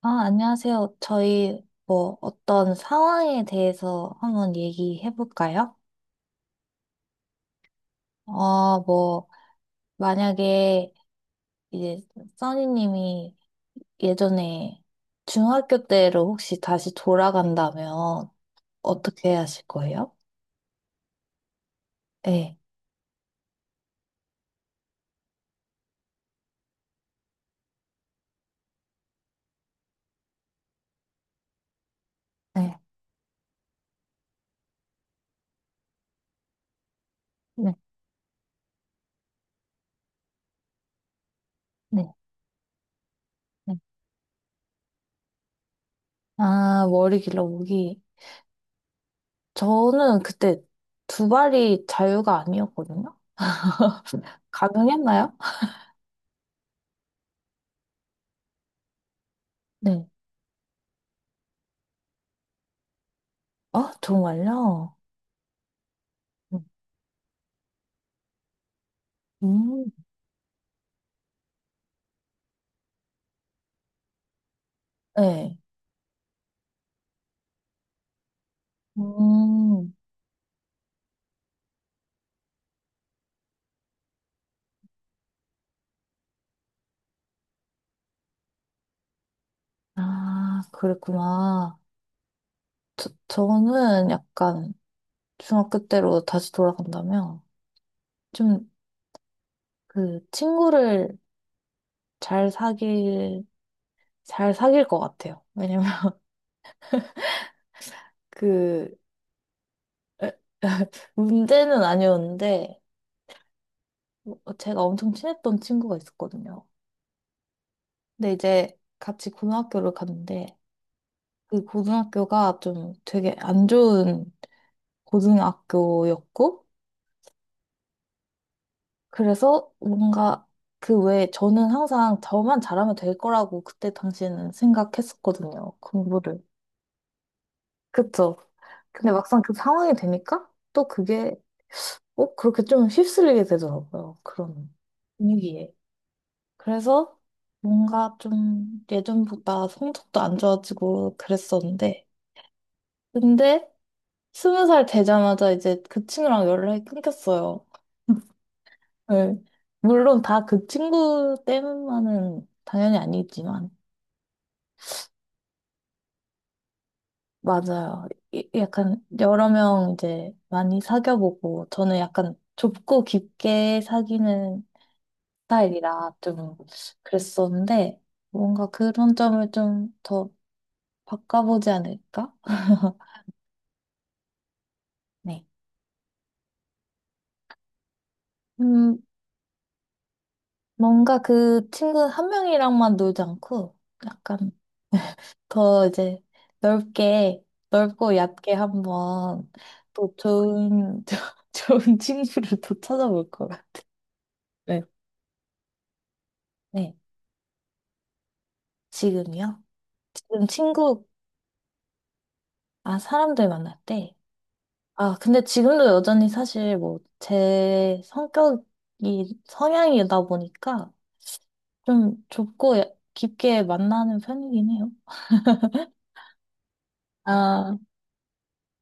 아, 안녕하세요. 저희 뭐 어떤 상황에 대해서 한번 얘기해 볼까요? 뭐 만약에 이제 써니님이 예전에 중학교 때로 혹시 다시 돌아간다면 어떻게 하실 거예요? 네, 네, 네, 네. 네. 아, 머리 길러보기. 저는 그때 두 발이 자유가 아니었거든요. 가능했나요? 네. 아, 정말요? 음, 음. 네. 음, 아, 그랬구나. 저는 약간 중학교 때로 다시 돌아간다면 좀 그 친구를 잘 사귈, 잘 사귈 것 같아요. 왜냐면 그 문제는 아니었는데 뭐 제가 엄청 친했던 친구가 있었거든요. 근데 이제 같이 고등학교를 갔는데 그 고등학교가 좀 되게 안 좋은 고등학교였고 그래서 뭔가 그 외에 저는 항상 저만 잘하면 될 거라고 그때 당시에는 생각했었거든요. 공부를. 그쵸? 근데 막상 그 상황이 되니까 또 그게 꼭 그렇게 좀 휩쓸리게 되더라고요. 그런 분위기에. 그래서 뭔가 좀 예전보다 성적도 안 좋아지고 그랬었는데 근데 20살 되자마자 이제 그 친구랑 연락이 끊겼어요. 네. 물론 다 그 친구 때문만은 당연히 아니겠지만, 맞아요. 약간 여러 명 이제 많이 사귀어보고, 저는 약간 좁고 깊게 사귀는 스타일이라 좀 그랬었는데, 뭔가 그런 점을 좀 더 바꿔보지 않을까? 네. 음, 뭔가 그 친구 한 명이랑만 놀지 않고, 약간 더 이제 넓게, 넓고 얕게 한번 또 좋은 친구를 또 찾아볼 거예요. 네. 네, 지금이요? 지금 친구, 아, 사람들 만날 때? 아, 근데 지금도 여전히 사실 뭐, 성향이다 보니까 좀 좁고 깊게 만나는 편이긴 해요. 아,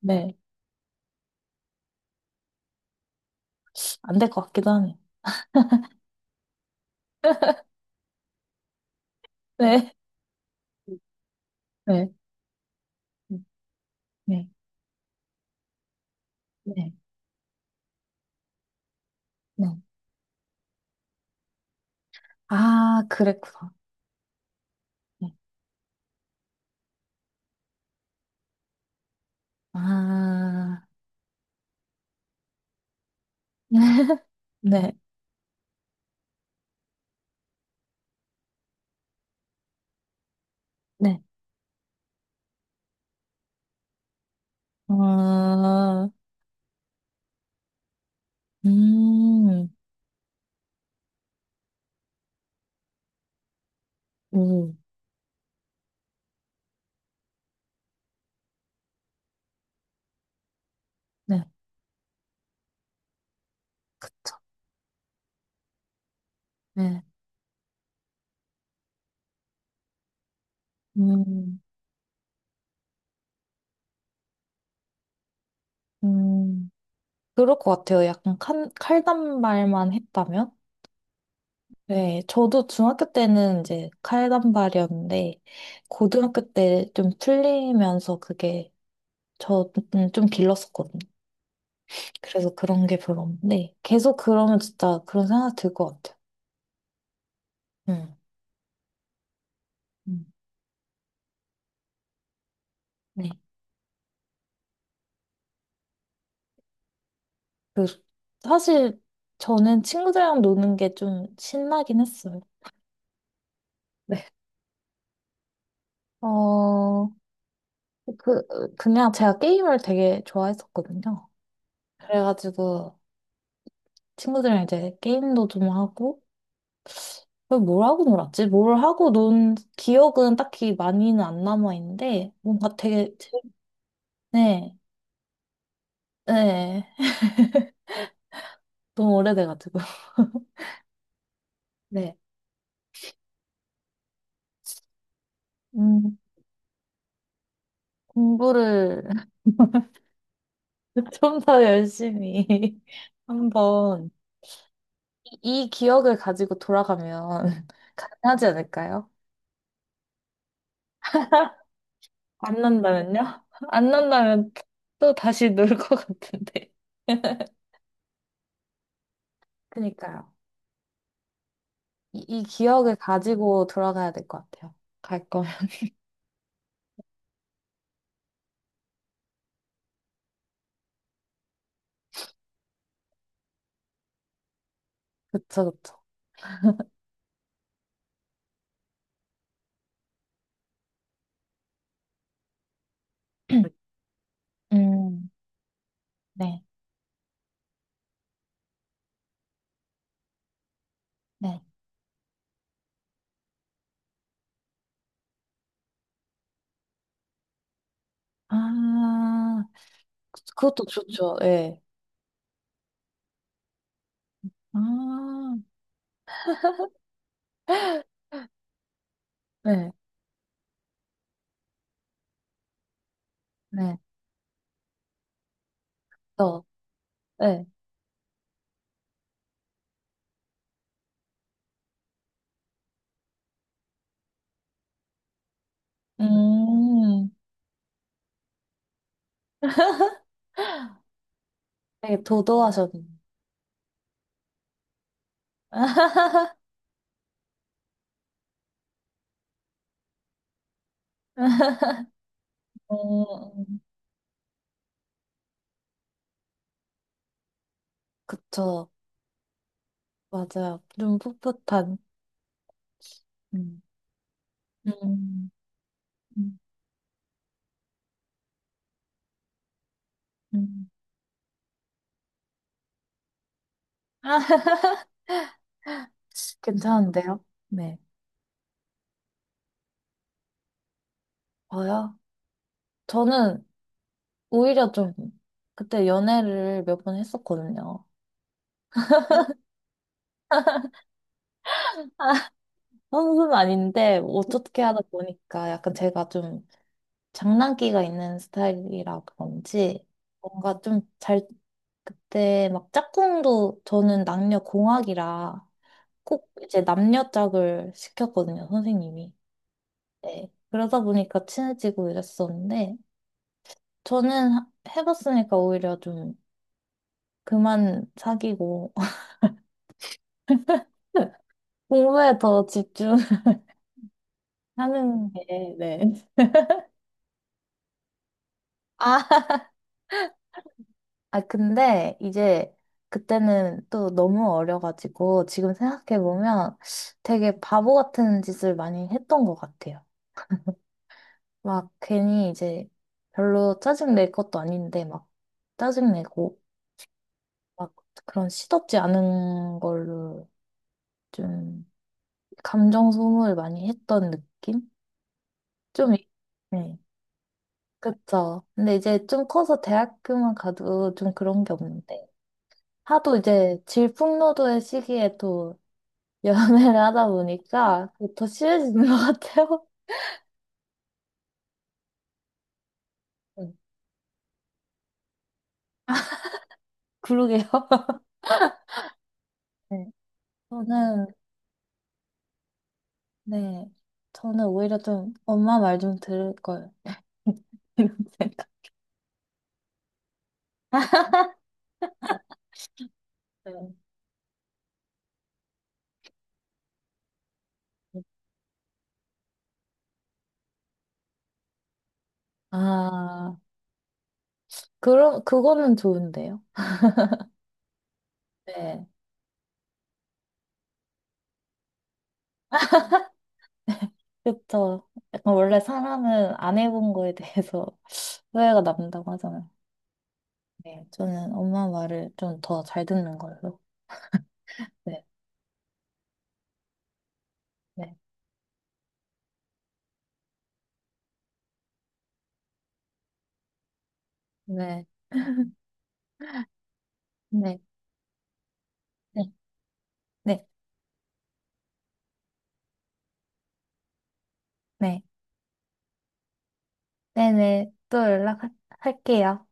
네. 안 될 것 같기도 하네요. 네. 네. 네, 네, 네. 네. 아, 그랬구나. 네. 아, 네, 네. 어, 음, 음, 네, 그쵸. 네, 음, 음. 그럴 것 같아요. 약간 칼단발만 했다면? 네, 저도 중학교 때는 이제 칼단발이었는데, 고등학교 때 좀 풀리면서 그게 저는 좀 길렀었거든요. 그래서 그런 게 별로 없는데, 계속 그러면 진짜 그런 생각 들 것 같아요. 음, 음, 네. 그, 사실 저는 친구들이랑 노는 게 좀 신나긴 했어요. 네. 어, 그, 그냥 제가 게임을 되게 좋아했었거든요. 그래가지고 친구들이랑 이제 게임도 좀 하고, 그럼 뭘 하고 놀았지? 뭘 하고 논 기억은 딱히 많이는 안 남아있는데, 뭔가 되게. 네, 네. 너무 오래돼가지고. 네. 음, 공부를 좀 더 열심히 한번 이 기억을 가지고 돌아가면 가능하지 않을까요? 안 난다면요? 안 난다면 또 다시 놀 것 같은데. 그니까요. 이 기억을 가지고 돌아가야 될 것 같아요. 갈 거면. 그쵸, 그쵸. 음, 네, 네. 아, 그것도 좋죠. 예. 아, 네. 네. 또, 네. 음, 되게 도도하셨네요. 어, 그쵸. 맞아요. 좀 풋풋한. 음. 음, 음, 음. 아, 괜찮은데요? 네. 저요? 저는 오히려 좀 그때 연애를 몇 번 했었거든요. 선수는 아닌데 뭐 어떻게 하다 보니까 약간 제가 좀 장난기가 있는 스타일이라 그런지 뭔가 좀 잘 그때 막 짝꿍도 저는 남녀 공학이라 꼭 이제 남녀 짝을 시켰거든요, 선생님이. 네. 그러다 보니까 친해지고 이랬었는데, 저는 해봤으니까 오히려 좀 그만 사귀고, 공부에 더 집중하는 게, 네. 아, 아, 근데 이제 그때는 또 너무 어려가지고, 지금 생각해보면 되게 바보 같은 짓을 많이 했던 것 같아요. 막 괜히 이제 별로 짜증 낼 것도 아닌데, 막 짜증내고, 막 그런 시덥지 않은 걸로 좀 감정 소모를 많이 했던 느낌? 좀, 이- 네. 그쵸. 근데 이제 좀 커서 대학교만 가도 좀 그런 게 없는데. 하도 이제 질풍노도의 시기에 또 연애를 하다 보니까 그게 더 심해지는 것 같아요. 음, 그러게요. 네. 저는, 네. 저는 오히려 좀 엄마 말 좀 들을 걸. 이런 생각. 네. 아, 그럼, 그거는 좋은데요. 네. 그쵸. 약간 원래 사람은 안 해본 거에 대해서 후회가 남는다고 하잖아요. 네, 저는 엄마 말을 좀 더 잘 듣는 걸로. 네, 네, 네, 네. 네, 네, 네, 네, 네. 네. 네, 네. 네, 네. 네, 네. 또 연락할게요.